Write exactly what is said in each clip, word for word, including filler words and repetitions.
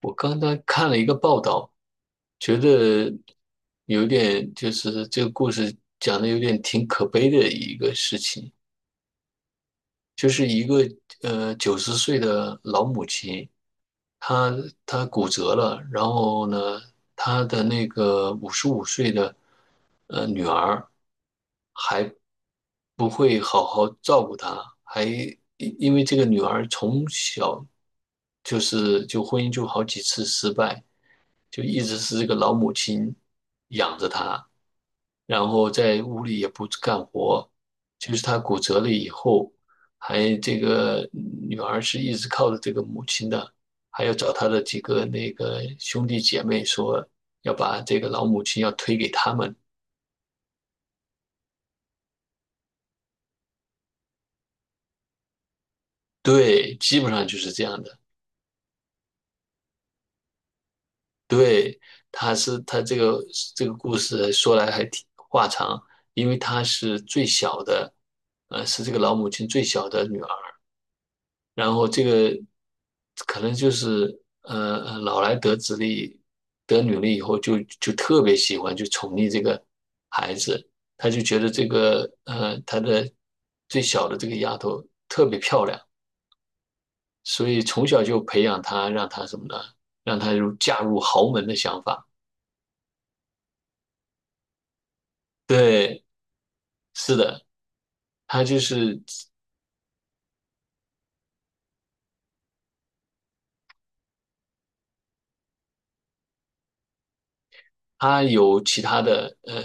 我刚才看了一个报道，觉得有点就是这个故事讲的有点挺可悲的一个事情，就是一个呃九十岁的老母亲，她她骨折了，然后呢，她的那个五十五岁的呃女儿还不会好好照顾她，还因因为这个女儿从小就是就婚姻就好几次失败。就一直是这个老母亲养着他，然后在屋里也不干活，就是他骨折了以后，还这个女儿是一直靠着这个母亲的，还要找他的几个那个兄弟姐妹说要把这个老母亲要推给他们，对，基本上就是这样的，对。他是他这个这个故事说来还挺话长，因为她是最小的，呃，是这个老母亲最小的女儿。然后这个可能就是呃呃老来得子力得女力以后就就特别喜欢就宠溺这个孩子，他就觉得这个呃他的最小的这个丫头特别漂亮，所以从小就培养她，让她什么呢？让她入嫁入豪门的想法。对，是的，他就是。他有其他的呃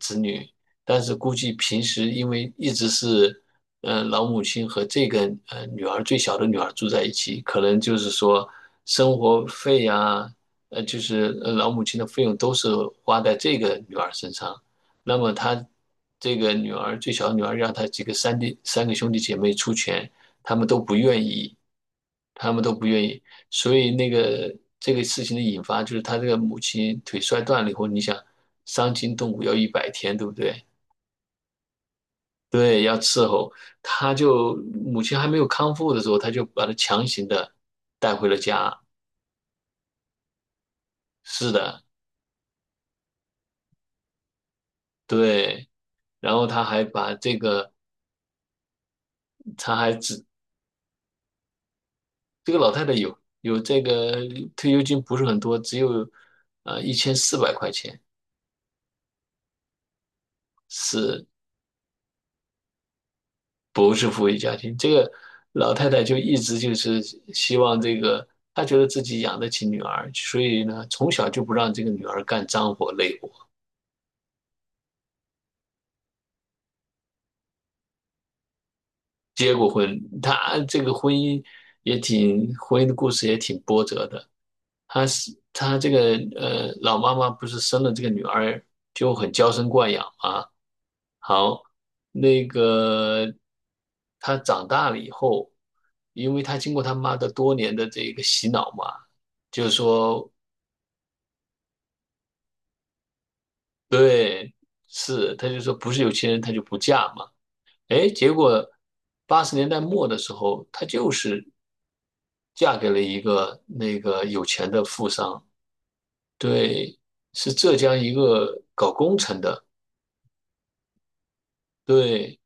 子女，但是估计平时因为一直是呃老母亲和这个呃女儿最小的女儿住在一起，可能就是说生活费呀、呃就是呃老母亲的费用都是花在这个女儿身上。那么他这个女儿最小的女儿让他几个三弟三个兄弟姐妹出钱，他们都不愿意，他们都不愿意。所以那个这个事情的引发就是他这个母亲腿摔断了以后，你想伤筋动骨要一百天，对不对？对，要伺候。他就母亲还没有康复的时候，他就把他强行的带回了家。是的，对。然后他还把这个，他还只这个老太太有有这个退休金不是很多，只有呃一千四百块钱，是不是富裕家庭，这个老太太就一直就是希望这个，她觉得自己养得起女儿，所以呢，从小就不让这个女儿干脏活累活。结过婚，她这个婚姻也挺，婚姻的故事也挺波折的。她是她这个呃老妈妈不是生了这个女儿就很娇生惯养嘛？好，那个她长大了以后，因为她经过她妈的多年的这个洗脑嘛，就是说对，是，她就说不是有钱人她就不嫁嘛。哎，结果八十年代末的时候，她就是嫁给了一个那个有钱的富商，对，是浙江一个搞工程的，对，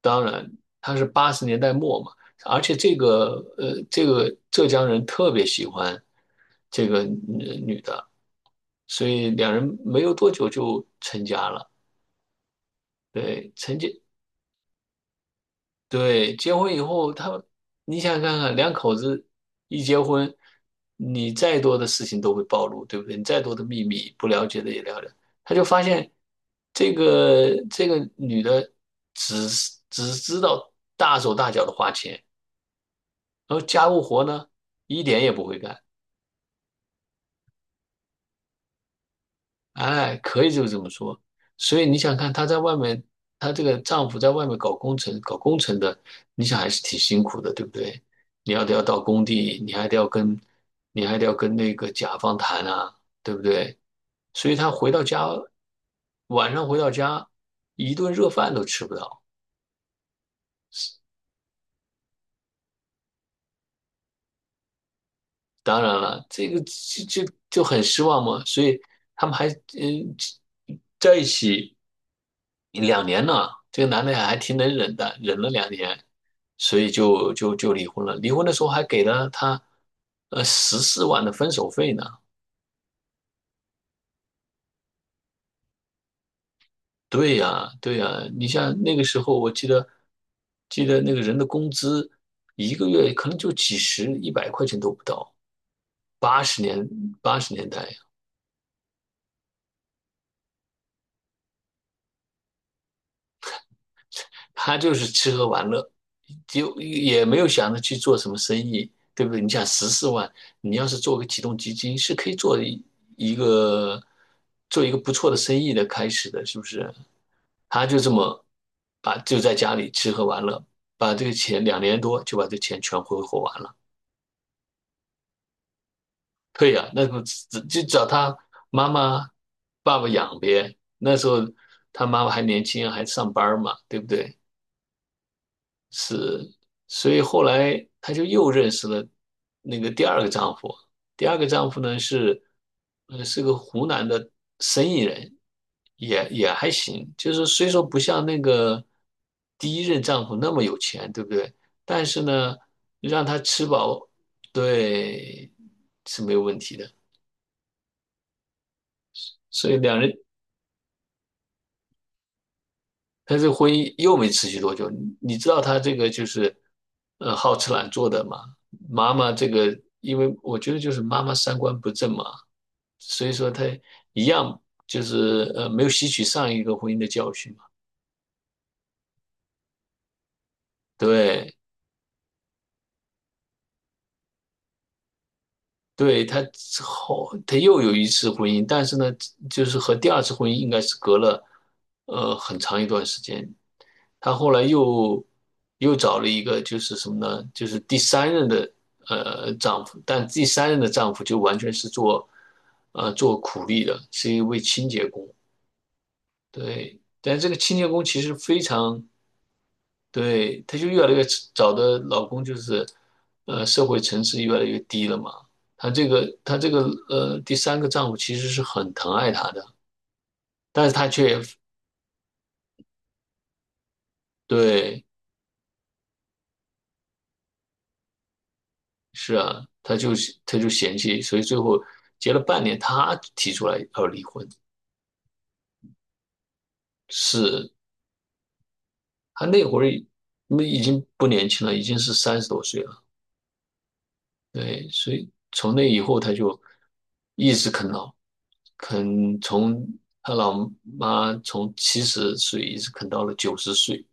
当然他是八十年代末嘛，而且这个呃，这个浙江人特别喜欢这个女女的，所以两人没有多久就成家了。对，成家对，结婚以后，他，你想想看看，两口子一结婚，你再多的事情都会暴露，对不对？你再多的秘密，不了解的也了解。他就发现，这个这个女的只只知道大手大脚的花钱，然后家务活呢，一点也不会干。哎，可以就这么说。所以你想看她在外面，她这个丈夫在外面搞工程，搞工程的，你想还是挺辛苦的，对不对？你要得要到工地，你还得要跟，你还得要跟那个甲方谈啊，对不对？所以她回到家，晚上回到家，一顿热饭都吃不到。当然了，这个这这就很失望嘛。所以他们还嗯在一起。两年了，这个男的还挺能忍的，忍了两年，所以就就就离婚了。离婚的时候还给了他，呃，十四万的分手费呢。对呀，对呀，你像那个时候，我记得记得那个人的工资一个月可能就几十、一百块钱都不到，八十年八十年代，他就是吃喝玩乐，就也没有想着去做什么生意，对不对？你想十四万，你要是做个启动基金，是可以做一一个做一个不错的生意的开始的，是不是？他就这么把就在家里吃喝玩乐，把这个钱两年多就把这钱全挥霍完了。对呀、那不就找他妈妈、爸爸养呗？那时候他妈妈还年轻，还上班嘛，对不对？是，所以后来她就又认识了那个第二个丈夫。第二个丈夫呢是，呃，是个湖南的生意人，也也还行。就是虽说不像那个第一任丈夫那么有钱，对不对？但是呢，让他吃饱，对，是没有问题的。所以两人但是婚姻又没持续多久。你知道他这个就是，呃，好吃懒做的嘛。妈妈这个，因为我觉得就是妈妈三观不正嘛，所以说他一样就是呃没有吸取上一个婚姻的教训嘛。对，对，他之后他又有一次婚姻，但是呢，就是和第二次婚姻应该是隔了呃很长一段时间，她后来又又找了一个，就是什么呢？就是第三任的呃丈夫，但第三任的丈夫就完全是做呃做苦力的，是一位清洁工。对，但这个清洁工其实非常对，她就越来越找的老公就是呃社会层次越来越低了嘛。她这个她这个呃第三个丈夫其实是很疼爱她的，但是她却对是啊，他就他就嫌弃，所以最后结了半年，他提出来要离婚。是，他那会儿那已经不年轻了，已经是三十多岁了。对，所以从那以后他就一直啃老，啃从他老妈从七十岁一直啃到了九十岁。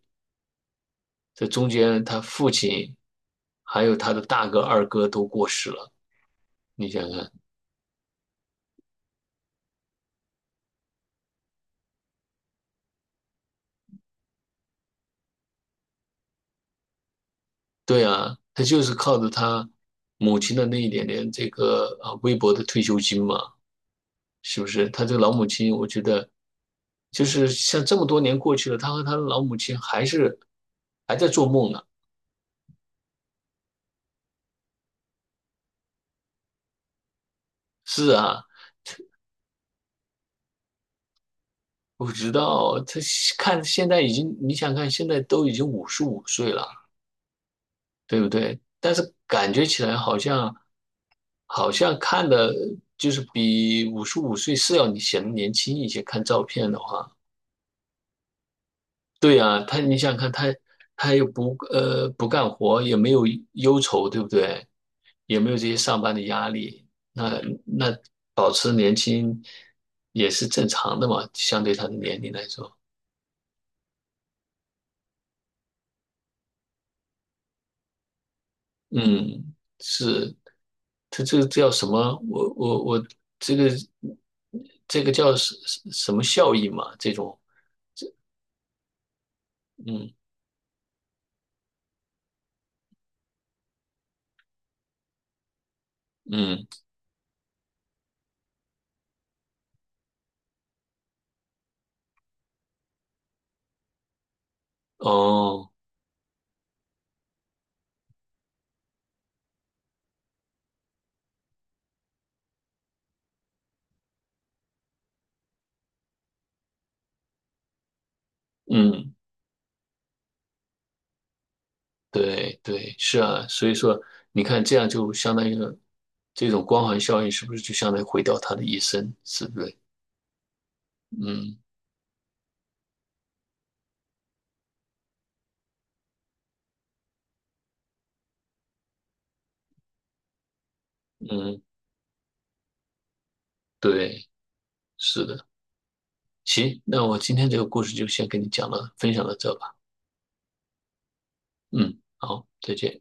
这中间他父亲还有他的大哥、二哥都过世了，你想想，对啊，他就是靠着他母亲的那一点点这个啊微薄的退休金嘛，是不是？他这个老母亲，我觉得就是像这么多年过去了，他和他的老母亲还是还在做梦呢。是啊，我知道他看现在已经，你想看现在都已经五十五岁了，对不对？但是感觉起来好像好像看的就是比五十五岁是要你显得年轻一些，看照片的话。对呀，他你想想看，他他又不呃不干活，也没有忧愁，对不对？也没有这些上班的压力，那那保持年轻也是正常的嘛，相对他的年龄来说，嗯，是，他这个叫什么？我我我这个这个叫什什什么效益嘛？这种，嗯嗯，哦，嗯。对对，是啊，所以说你看，这样就相当于说这种光环效应是不是就相当于毁掉他的一生，是不是？嗯嗯，对，是的。行，那我今天这个故事就先跟你讲了，分享到这吧。嗯，好，再见。